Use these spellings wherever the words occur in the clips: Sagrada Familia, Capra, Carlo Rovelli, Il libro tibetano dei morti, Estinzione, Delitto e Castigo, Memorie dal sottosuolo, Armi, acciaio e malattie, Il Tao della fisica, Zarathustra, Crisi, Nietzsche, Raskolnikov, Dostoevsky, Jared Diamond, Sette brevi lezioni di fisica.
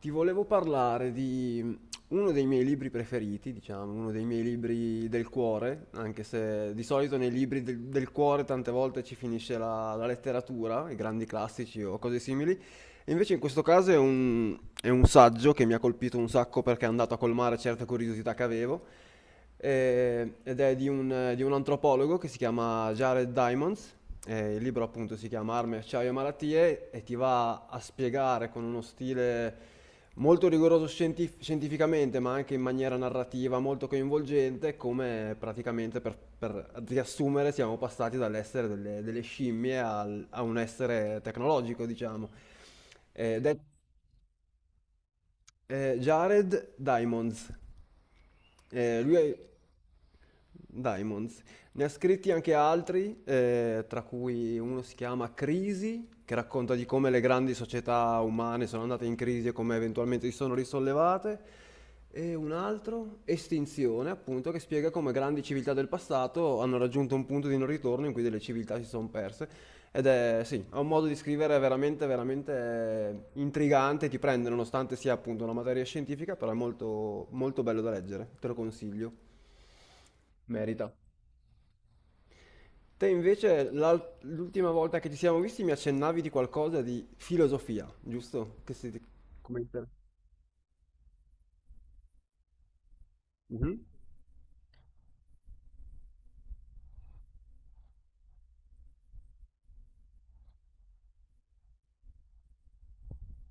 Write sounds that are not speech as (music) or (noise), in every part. Ti volevo parlare di uno dei miei libri preferiti, diciamo, uno dei miei libri del cuore, anche se di solito nei libri del cuore tante volte ci finisce la letteratura, i grandi classici o cose simili, e invece in questo caso è un saggio che mi ha colpito un sacco perché è andato a colmare certe curiosità che avevo. Ed è di un antropologo che si chiama Jared Diamonds. Il libro appunto si chiama Armi, acciaio e malattie e ti va a spiegare con uno stile molto rigoroso scientificamente, ma anche in maniera narrativa molto coinvolgente, come praticamente per riassumere siamo passati dall'essere delle scimmie a un essere tecnologico, diciamo. Eh, de- Jared Diamonds. Lui è Diamonds. Ne ha scritti anche altri, tra cui uno si chiama Crisi, che racconta di come le grandi società umane sono andate in crisi e come eventualmente si sono risollevate. E un altro, Estinzione, appunto, che spiega come grandi civiltà del passato hanno raggiunto un punto di non ritorno in cui delle civiltà si sono perse. Ed è, sì, ha un modo di scrivere veramente, veramente intrigante, ti prende nonostante sia appunto una materia scientifica, però è molto, molto bello da leggere, te lo consiglio. Merita. Te invece l'ultima volta che ci siamo visti mi accennavi di qualcosa di filosofia, giusto? Che si... Come inter- Mhm,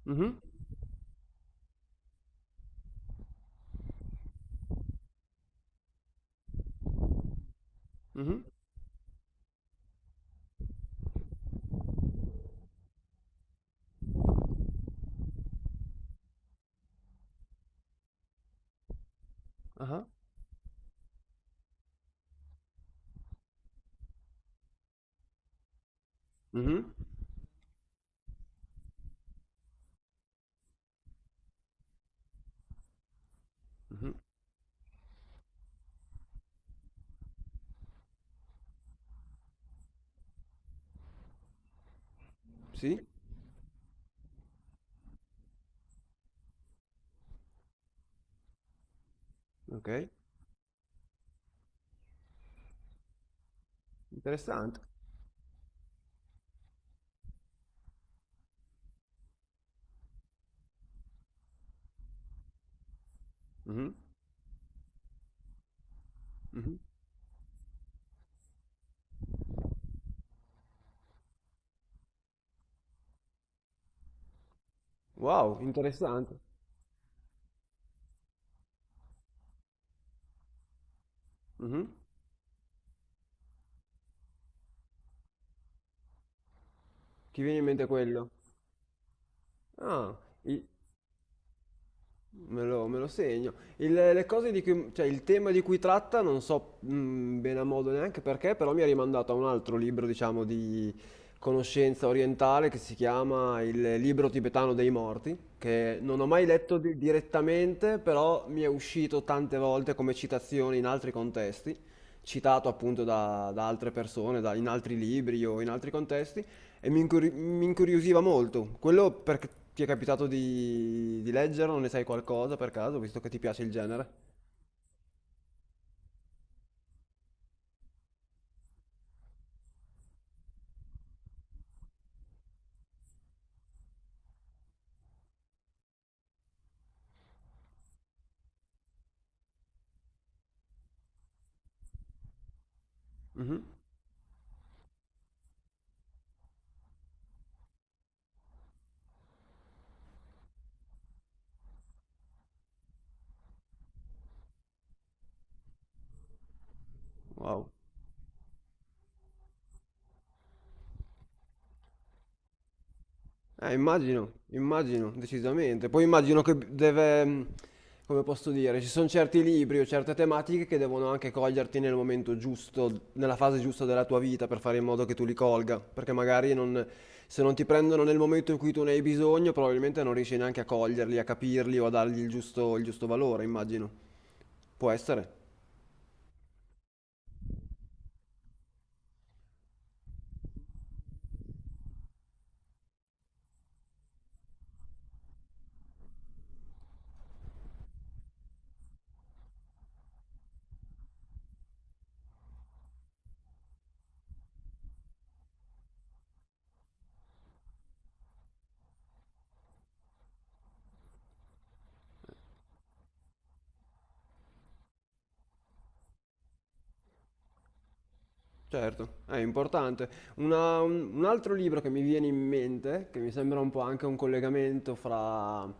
mhm, mhm, aha, mhm, mhm. Sì, ok, interessante. Mhm, mhm. Wow, interessante. Mhm. Ti viene in mente quello? Ah, i- me lo segno. Le cose di cui, cioè il tema di cui tratta non so bene a modo neanche perché, però mi ha rimandato a un altro libro, diciamo, di conoscenza orientale che si chiama Il libro tibetano dei morti, che non ho mai letto direttamente, però mi è uscito tante volte come citazione in altri contesti, citato appunto da altre persone, in altri libri o in altri contesti. E mi incuriosiva molto. Quello perché ti è capitato di leggerlo? Ne sai qualcosa per caso, visto che ti piace il genere? Mhm. Wow. Immagino, immagino, decisamente. Poi immagino che deve, come posso dire, ci sono certi libri o certe tematiche che devono anche coglierti nel momento giusto, nella fase giusta della tua vita per fare in modo che tu li colga, perché magari se non ti prendono nel momento in cui tu ne hai bisogno, probabilmente non riesci neanche a coglierli, a capirli o a dargli il giusto valore, immagino. Può essere. Certo, è importante. Un altro libro che mi viene in mente, che mi sembra un po' anche un collegamento fra,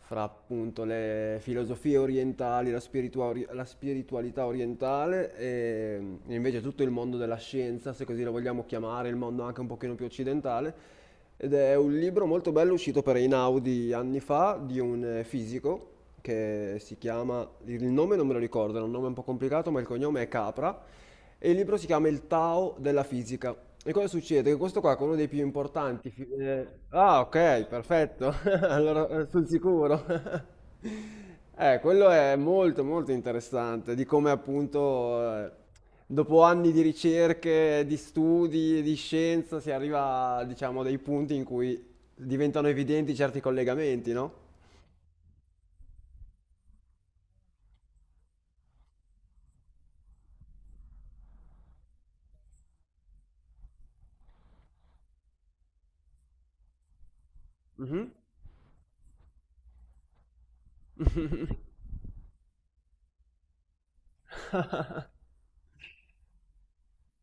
fra appunto le filosofie orientali, la spiritualità orientale e invece tutto il mondo della scienza, se così lo vogliamo chiamare, il mondo anche un pochino più occidentale, ed è un libro molto bello uscito per Einaudi anni fa di un fisico che si chiama, il nome non me lo ricordo, è un nome un po' complicato, ma il cognome è Capra e il libro si chiama Il Tao della fisica. E cosa succede? Che questo qua è uno dei più importanti. Ah, ok, perfetto. (laughs) Allora, sul sicuro. (laughs) Quello è molto molto interessante, di come appunto dopo anni di ricerche, di studi, di scienza si arriva, diciamo, a dei punti in cui diventano evidenti certi collegamenti, no? Mhm.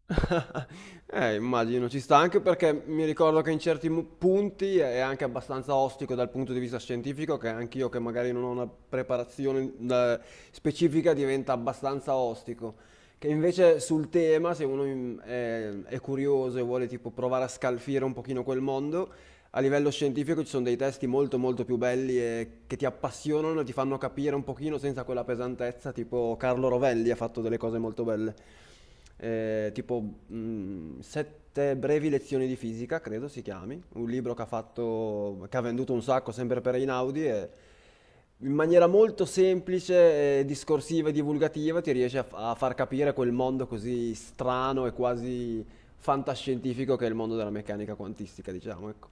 (laughs) Immagino, ci sta anche perché mi ricordo che in certi punti è anche abbastanza ostico dal punto di vista scientifico, che anche io che magari non ho una preparazione specifica diventa abbastanza ostico. Che invece sul tema, se uno è curioso e vuole tipo provare a scalfire un pochino quel mondo, a livello scientifico ci sono dei testi molto molto più belli e che ti appassionano, e ti fanno capire un pochino senza quella pesantezza, tipo Carlo Rovelli ha fatto delle cose molto belle. Tipo Sette brevi lezioni di fisica, credo si chiami, un libro che ha fatto, che ha venduto un sacco sempre per Einaudi e in maniera molto semplice, discorsiva e divulgativa ti riesce a far capire quel mondo così strano e quasi fantascientifico che è il mondo della meccanica quantistica, diciamo, ecco.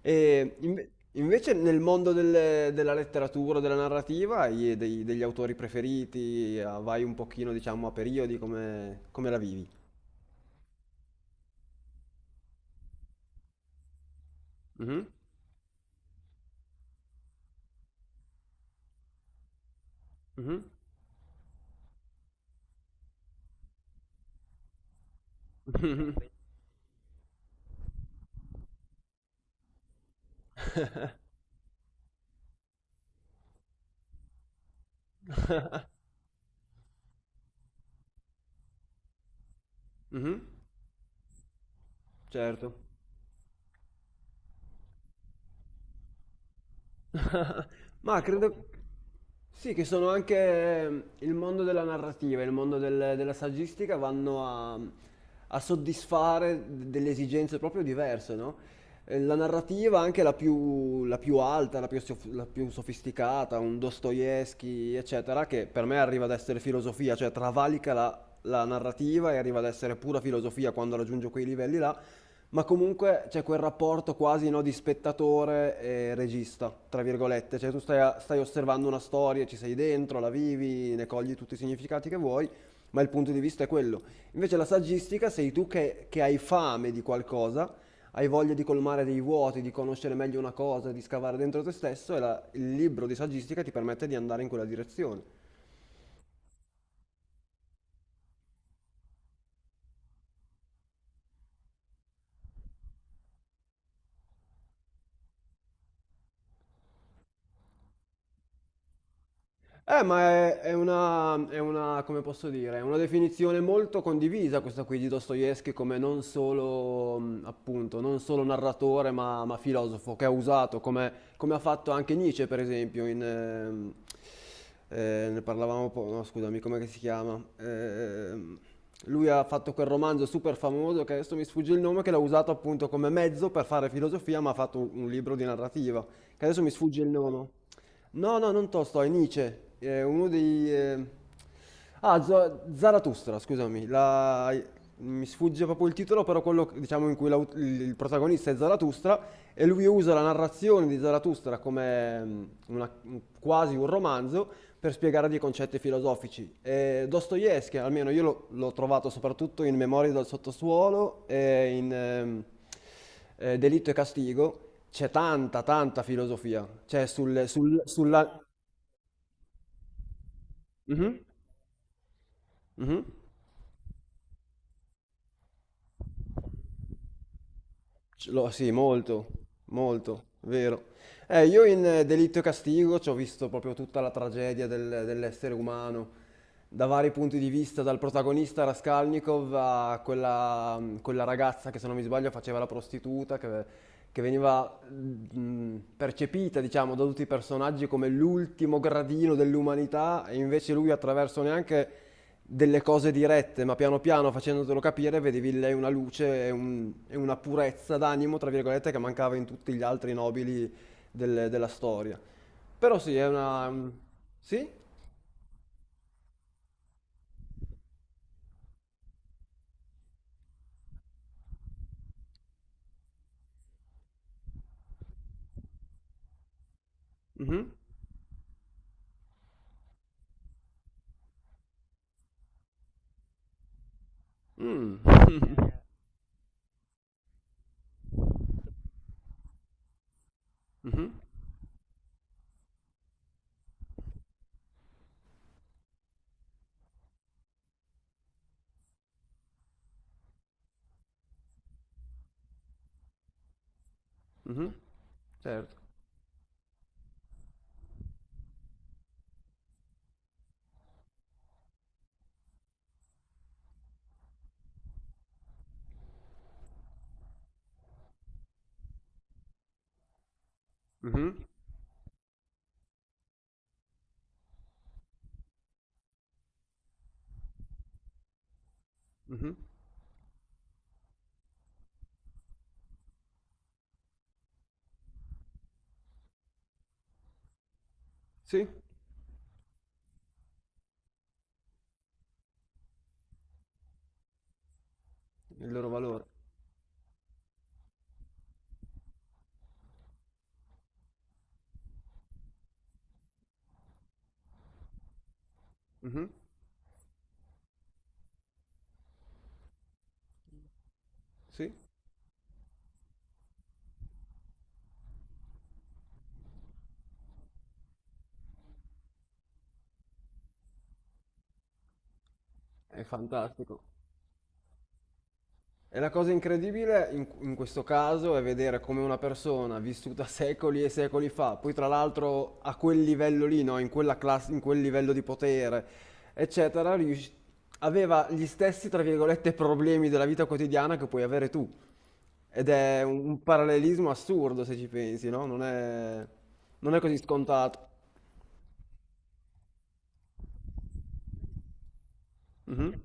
E invece nel mondo della letteratura, della narrativa, hai degli autori preferiti? Ah, vai un pochino, diciamo, a periodi, come la vivi? Mhm, mhm, (laughs) mhm, mhm. Certo. (laughs) Ma credo sì, che sono anche il mondo della narrativa, il mondo della saggistica vanno a soddisfare delle esigenze proprio diverse, no? La narrativa, anche la più alta, la più sofisticata, un Dostoevsky, eccetera, che per me arriva ad essere filosofia, cioè travalica la narrativa e arriva ad essere pura filosofia quando raggiunge quei livelli là, ma comunque c'è quel rapporto quasi no, di spettatore e regista, tra virgolette, cioè tu stai, stai osservando una storia, ci sei dentro, la vivi, ne cogli tutti i significati che vuoi, ma il punto di vista è quello. Invece la saggistica sei tu che, hai fame di qualcosa, hai voglia di colmare dei vuoti, di conoscere meglio una cosa, di scavare dentro te stesso e il libro di saggistica ti permette di andare in quella direzione. Ma è una, come posso dire, è una definizione molto condivisa questa qui di Dostoevsky come non solo, appunto, non solo narratore ma filosofo, che ha usato, come ha fatto anche Nietzsche, per esempio, ne parlavamo, no, scusami, come si chiama? Lui ha fatto quel romanzo super famoso che adesso mi sfugge il nome, che l'ha usato appunto come mezzo per fare filosofia, ma ha fatto un libro di narrativa, che adesso mi sfugge il nome. No, no, non Tolstoi, Nietzsche, è uno dei... Ah, Zarathustra, scusami, mi sfugge proprio il titolo, però quello diciamo in cui il protagonista è Zarathustra e lui usa la narrazione di Zarathustra come una- quasi un romanzo per spiegare dei concetti filosofici. Dostoevsky, almeno io l'ho trovato soprattutto in Memorie dal sottosuolo e in Delitto e Castigo, c'è tanta, tanta filosofia, c'è sulla... Mhm, mhm. Sì, molto, molto, vero. Io in Delitto e Castigo ci ho visto proprio tutta la tragedia dell'essere umano, da vari punti di vista, dal protagonista Raskolnikov a quella ragazza che se non mi sbaglio faceva la prostituta, che veniva percepita, diciamo, da tutti i personaggi come l'ultimo gradino dell'umanità, e invece lui attraverso neanche delle cose dirette, ma piano piano facendotelo capire, vedevi in lei una luce e una purezza d'animo, tra virgolette, che mancava in tutti gli altri nobili della storia. Però sì, è una... Sì? Mhm. Mm. (laughs) Mhm. Mhm. Certo. Mhm. Mhm. Sì, il loro valore. Mhm. Sì. È fantastico. E la cosa incredibile in questo caso è vedere come una persona vissuta secoli e secoli fa, poi tra l'altro a quel livello lì, no? In quella classe, in quel livello di potere, eccetera, aveva gli stessi, tra virgolette, problemi della vita quotidiana che puoi avere tu. Ed è un parallelismo assurdo se ci pensi, no? Non è così scontato. Mhm.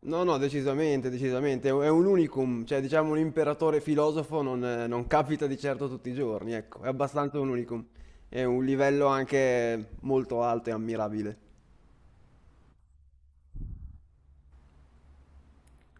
No, no, decisamente, decisamente. È un unicum, cioè diciamo un imperatore filosofo non capita di certo tutti i giorni, ecco, è abbastanza un unicum. È un livello anche molto alto e ammirabile.